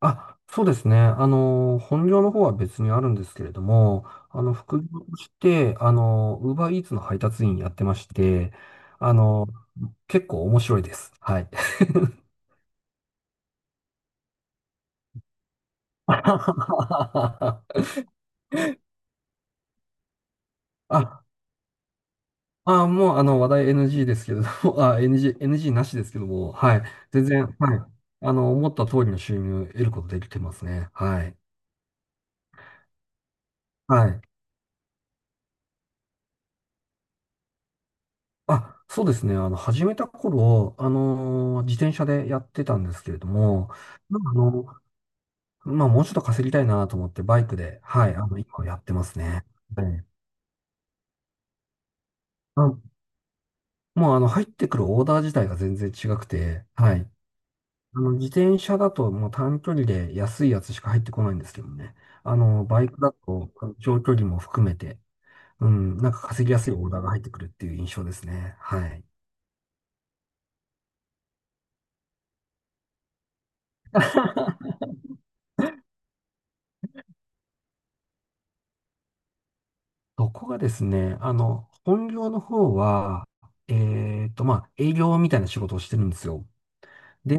あ、そうですね。本業の方は別にあるんですけれども、副業として、ウーバーイーツの配達員やってまして、あの、結構面白いです。はい。あ、もう、話題 NG ですけれども、NG、NG なしですけども、はい。全然、はい。思った通りの収入を得ることできてますね。はい。はい。あ、そうですね。始めた頃、自転車でやってたんですけれども、まあ、あの、まあ、もうちょっと稼ぎたいなと思って、バイクで、はい、今やってますね。はい。あ、もう、入ってくるオーダー自体が全然違くて、はい。自転車だと、もう短距離で安いやつしか入ってこないんですけどね。バイクだと、長距離も含めて、うん、なんか稼ぎやすいオーダーが入ってくるっていう印象ですね。はい。そこがですね、本業の方は、まあ、営業みたいな仕事をしてるんですよ。で、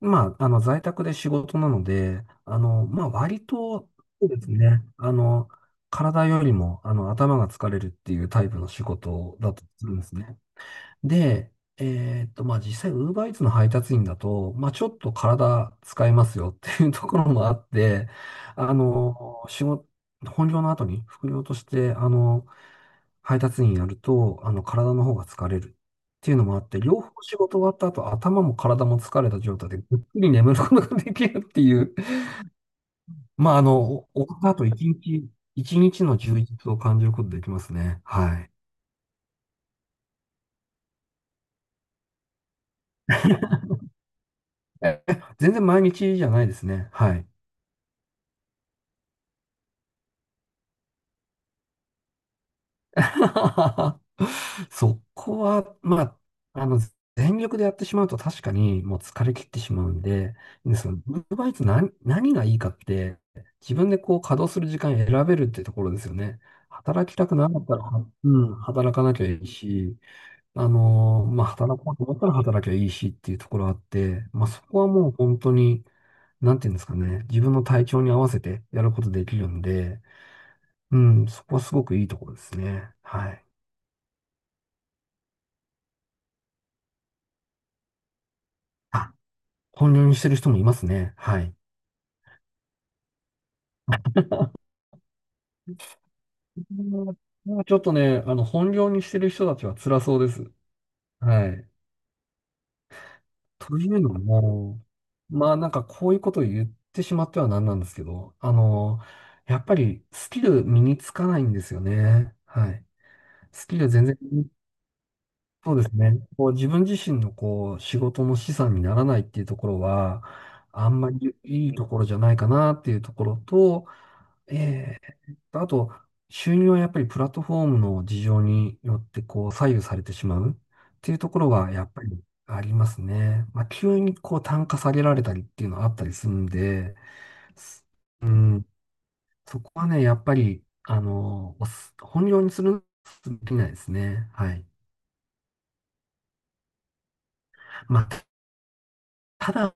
まあ、在宅で仕事なので、まあ、割と、そうですね、体よりも、頭が疲れるっていうタイプの仕事だとするんですね。で、まあ、実際、ウーバーイーツの配達員だと、まあ、ちょっと体使えますよっていうところもあって、あの、仕事、本業の後に副業として、配達員やると、体の方が疲れるっていうのもあって、両方仕事終わった後、頭も体も疲れた状態でぐっくり眠ることができるっていう、まあ、終わった後、一日の充実を感じることできますね。はい。全然毎日じゃないですね。はい。そこは、まあ、全力でやってしまうと確かにもう疲れ切ってしまうんで、その、ウーバイトツ何がいいかって、自分でこう稼働する時間選べるってところですよね。働きたくなかったら、はうん、働かなきゃいいし、まあ、働こうと思ったら働きゃいいしっていうところあって、まあ、そこはもう本当に、なんていうんですかね、自分の体調に合わせてやることできるんで、うん、そこはすごくいいところですね。はい。本業にしてる人もいますね。はい。うん、ちょっとね、本業にしてる人たちは辛そうです。はい。というのも、まあなんかこういうことを言ってしまってはなんなんですけど、やっぱりスキル身につかないんですよね。はい。スキル全然、そうですね。こう自分自身のこう仕事の資産にならないっていうところは、あんまりいいところじゃないかなっていうところと、えあと、収入はやっぱりプラットフォームの事情によってこう左右されてしまうっていうところはやっぱりありますね。まあ、急にこう単価下げられたりっていうのはあったりするんで、すうん、そこはね、やっぱり、本業にする、できないですね。はい。まあ、ただ、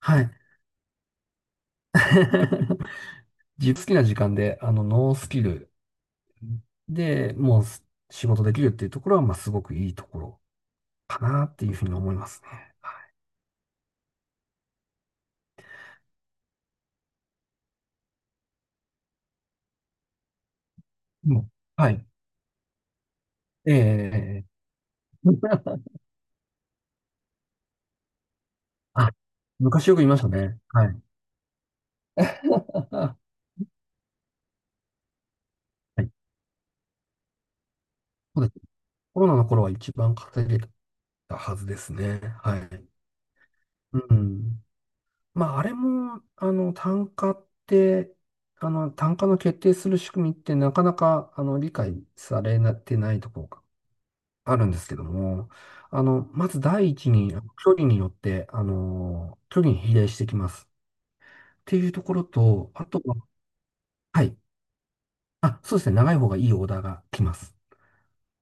はい。自分好きな時間で、ノースキルでもうす仕事できるっていうところは、まあ、すごくいいところ。かなっていうふうに思いますね。はい。もうはい。ええ。 あ、昔よく言いましたね。はい。はい。そうです。コロナの頃は一番稼げたはずですね。はい。うん。まあ、あれも、単価の決定する仕組みってなかなか、理解されてないところがあるんですけども、まず第一に、距離によって、距離に比例してきます。っていうところと、あとは、はい。あ、そうですね。長い方がいいオーダーが来ます。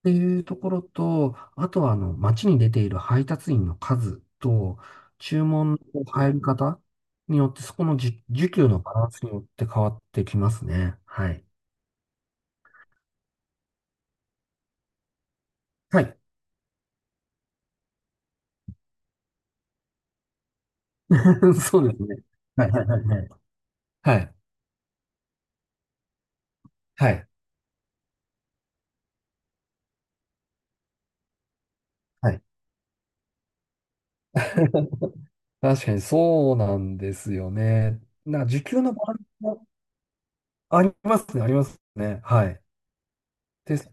っていうところと、あとは、街に出ている配達員の数と、注文の入り方によって、そこの需給のバランスによって変わってきますね。はい。はい。そうですね。はい、はい、はい、はい。はい。はいはい。 確かにそうなんですよね。時給のバランスもありますね、ありますね。はい。で、そ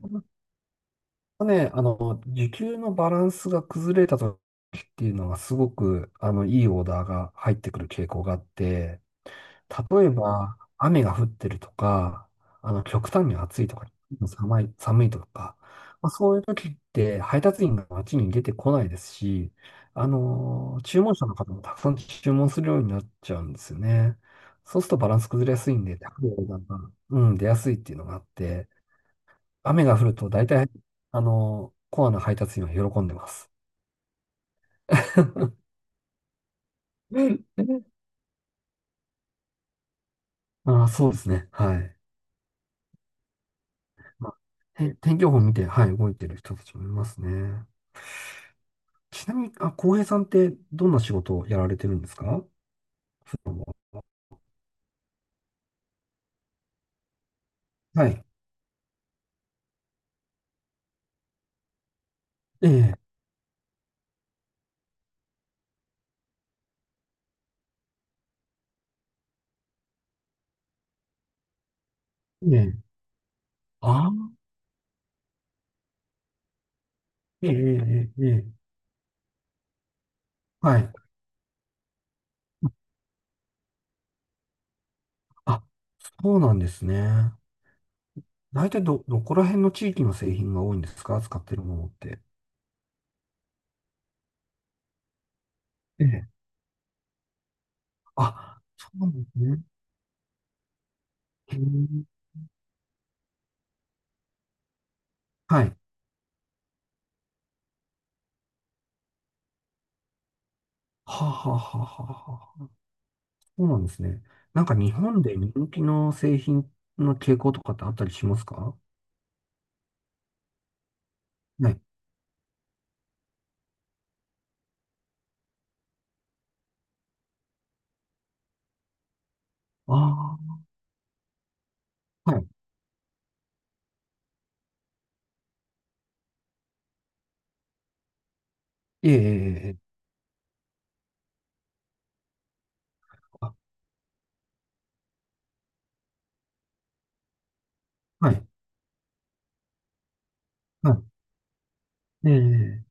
ね、あの、時給のバランスが崩れた時っていうのがすごく、いいオーダーが入ってくる傾向があって、例えば、雨が降ってるとか、極端に暑いとか、寒い、寒いとか、まあ、そういう時って配達員が街に出てこないですし、注文者の方もたくさん注文するようになっちゃうんですよね。そうするとバランス崩れやすいんで、高いオーダーが、うん、出やすいっていうのがあって、雨が降ると大体、コアな配達員は喜んでます。うん、ああ、そうですね。はい。まあ、天気予報見て、はい、動いてる人たちもいますね。ちなみに、あ、浩平さんってどんな仕事をやられてるんですか？はい。ええ、ええ、ああ、ええ、ええ、ええ、はい。あ、そうなんですね。大体どこら辺の地域の製品が多いんですか、使ってるものって？ええ。あ、そうなんですね。へえ。はい。はあはあはあはあは、そうなんですね。なんか日本で人気の製品の傾向とかってあったりしますか？はい。ああ、はい。ええ、ええ、ええ、あ、はい。はい。ええ、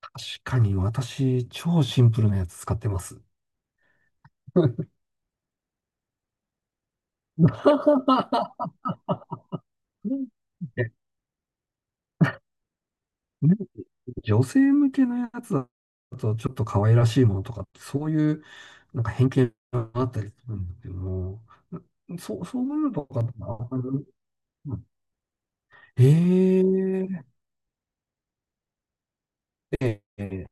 確かに私、超シンプルなやつ使ってます。え、ね、女性向けのやつだと、ちょっと可愛らしいものとかって、そういう、なんか偏見があったりするんですけども、そういうのとかってあんまり、ええ、ええ、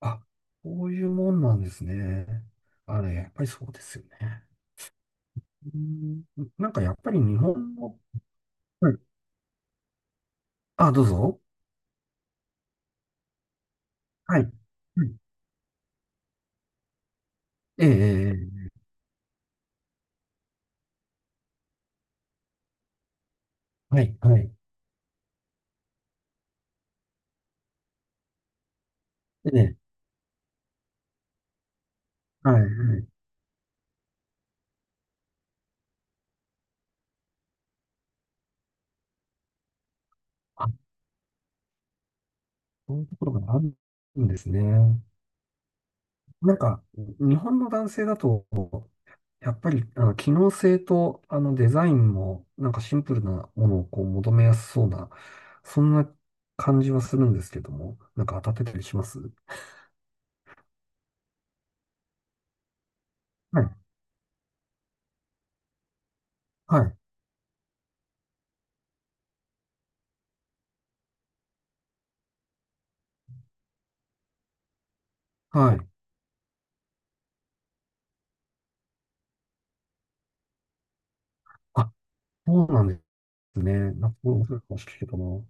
あ、そういうもんなんですね。あれ、やっぱりそうですよね。うん、なんかやっぱり日本の、はい。あ、どうぞ。はい。はい。ええ、ええええ、はい、はい。ええ、はい、はい。あ、そういうところがあるんですね。なんか、日本の男性だと、やっぱり、機能性と、デザインも、なんかシンプルなものをこう求めやすそうな、そんな感じはするんですけども、なんか当たってたりします？はい、はい、はい。あ、そうなんですね。なんか、そうそうかもしれないけどな。